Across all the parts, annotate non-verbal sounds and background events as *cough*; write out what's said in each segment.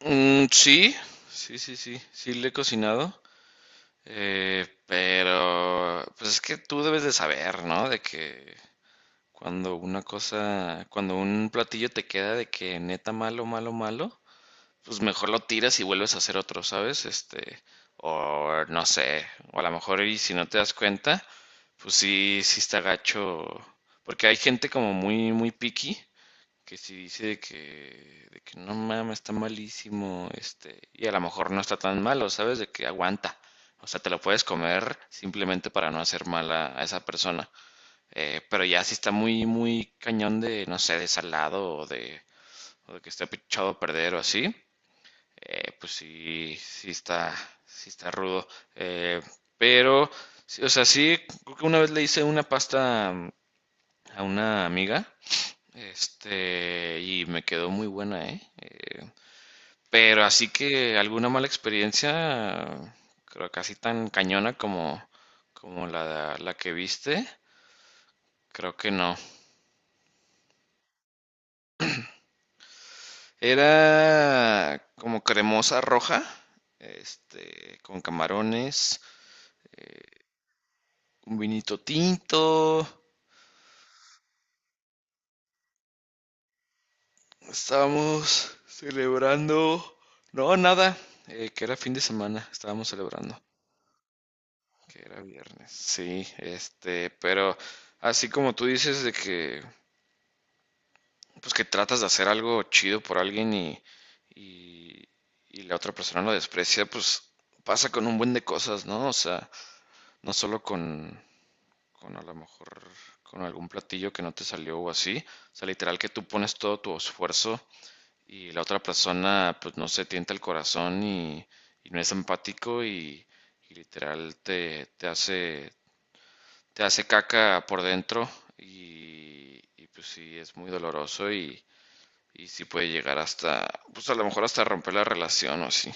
Sí, sí, sí, sí, sí le he cocinado, pero pues es que tú debes de saber, ¿no? De que cuando una cosa, cuando un platillo te queda de que neta malo, malo, malo, pues mejor lo tiras y vuelves a hacer otro, ¿sabes? O no sé, o a lo mejor y si no te das cuenta, pues sí, sí está gacho, porque hay gente como muy, muy picky que si dice de que no mames, está malísimo, y a lo mejor no está tan malo, ¿sabes? De que aguanta. O sea, te lo puedes comer simplemente para no hacer mal a esa persona. Pero ya si está muy, muy cañón de, no sé, de salado o o de que esté echado a perder o así, pues sí, sí está rudo. Eh, pero, sí, o sea, sí, creo que una vez le hice una pasta a una amiga y me quedó muy buena, ¿eh? Pero así que alguna mala experiencia, creo casi tan cañona como, la que viste, creo que no. Era como cremosa roja, con camarones, un vinito tinto, estábamos celebrando, no, nada, que era fin de semana, estábamos celebrando. Que era viernes. Sí, pero así como tú dices de que, pues que tratas de hacer algo chido por alguien y, y la otra persona lo desprecia, pues pasa con un buen de cosas, ¿no? O sea, no solo con a lo mejor con algún platillo que no te salió o así. O sea, literal que tú pones todo tu esfuerzo y la otra persona, pues no se tienta el corazón y no es empático y literal te hace caca por dentro y pues sí, es muy doloroso y sí puede llegar hasta, pues a lo mejor hasta romper la relación o así.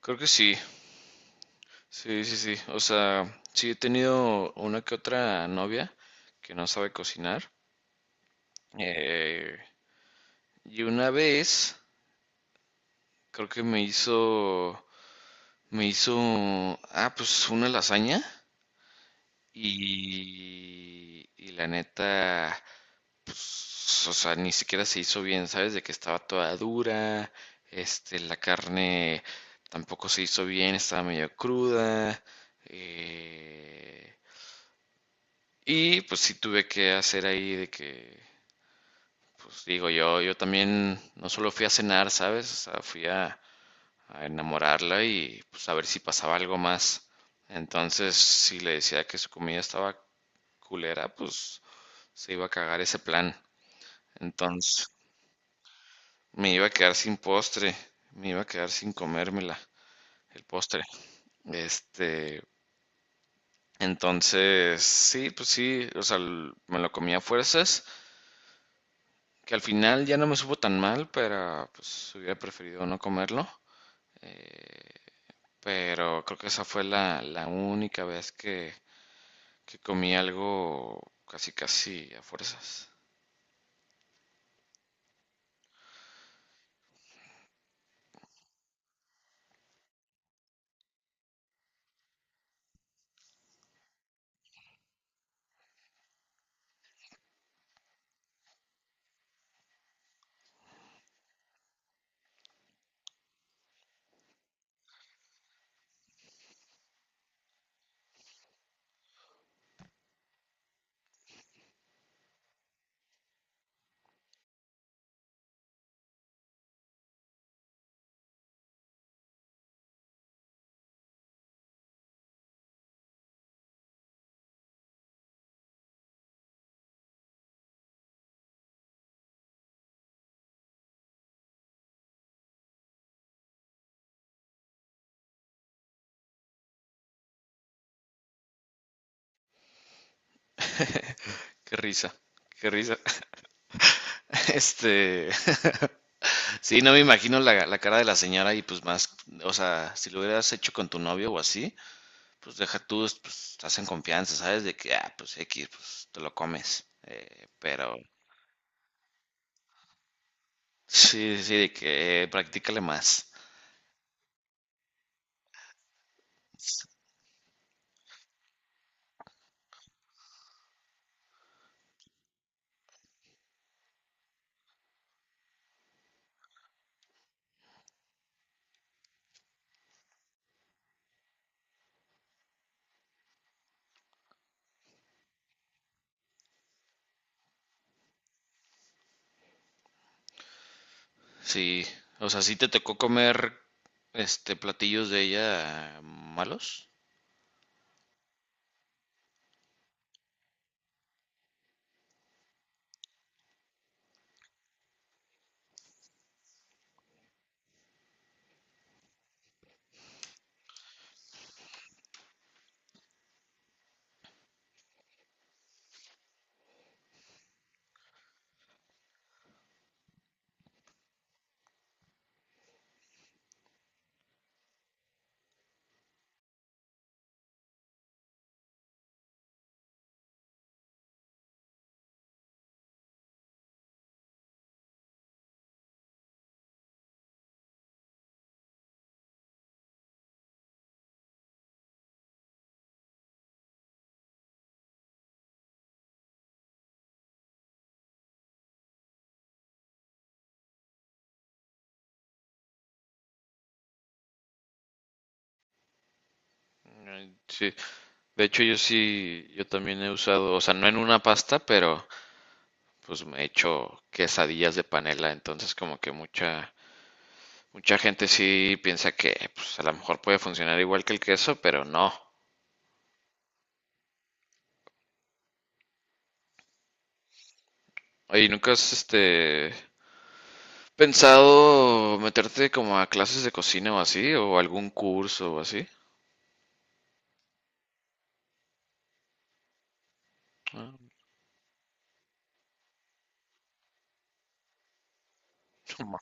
Creo que sí, sí, sí, sí. O sea, sí he tenido una que otra novia que no sabe cocinar. Eh, y una vez creo que me hizo, ah, pues una lasaña y la neta, pues, o sea, ni siquiera se hizo bien, ¿sabes? De que estaba toda dura, la carne tampoco se hizo bien, estaba medio cruda. eh, y pues sí tuve que hacer ahí de que, pues digo, yo también no solo fui a cenar, ¿sabes? O sea, fui a enamorarla y pues a ver si pasaba algo más. Entonces, si le decía que su comida estaba culera, pues se iba a cagar ese plan. Entonces, me iba a quedar sin postre, me iba a quedar sin comérmela, el postre. Este, entonces, sí, pues sí, o sea, me lo comí a fuerzas, que al final ya no me supo tan mal, pero pues hubiera preferido no comerlo. Pero creo que esa fue la única vez que comí algo casi casi a fuerzas. Qué risa, qué risa. *laughs* Este, *laughs* Sí, no me imagino la cara de la señora y pues más, o sea, si lo hubieras hecho con tu novio o así, pues deja tú, pues estás confianza, ¿sabes? De que, ah, pues X, pues te lo comes. Pero sí, sí, de que practícale más. Sí, o sea, sí te tocó comer este platillos de ella malos. Ay, sí, de hecho yo sí, yo también he usado, o sea, no en una pasta, pero pues me he hecho quesadillas de panela, entonces como que mucha, mucha gente sí piensa que pues, a lo mejor puede funcionar igual que el queso, pero no. Oye, ¿nunca has pensado meterte como a clases de cocina o así? ¿O algún curso o así? Ah, no ma-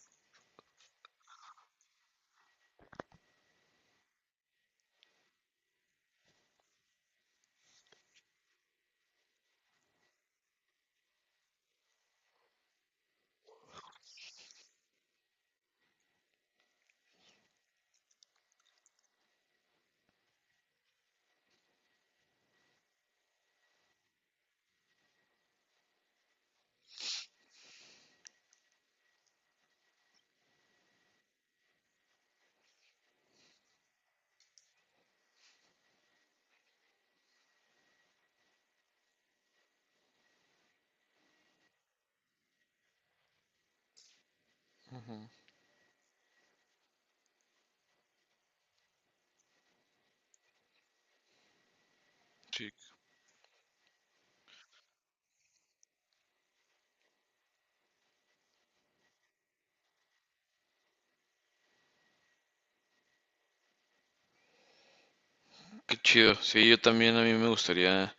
ujú. Sí, qué chido. Sí, yo también a mí me gustaría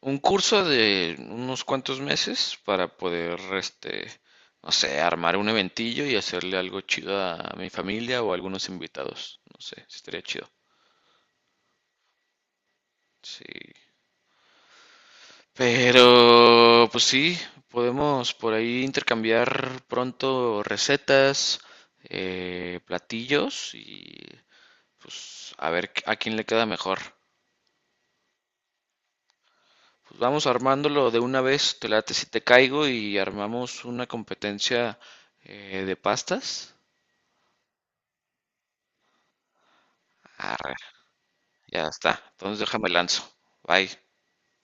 un curso de unos cuantos meses para poder, no sé, armar un eventillo y hacerle algo chido a mi familia o a algunos invitados. No sé, estaría chido. Sí. Pero, pues sí, podemos por ahí intercambiar pronto recetas, platillos y pues a ver a quién le queda mejor. Pues vamos armándolo de una vez, te late si te caigo y armamos una competencia de pastas. Arre, ya está, entonces déjame lanzo. Bye.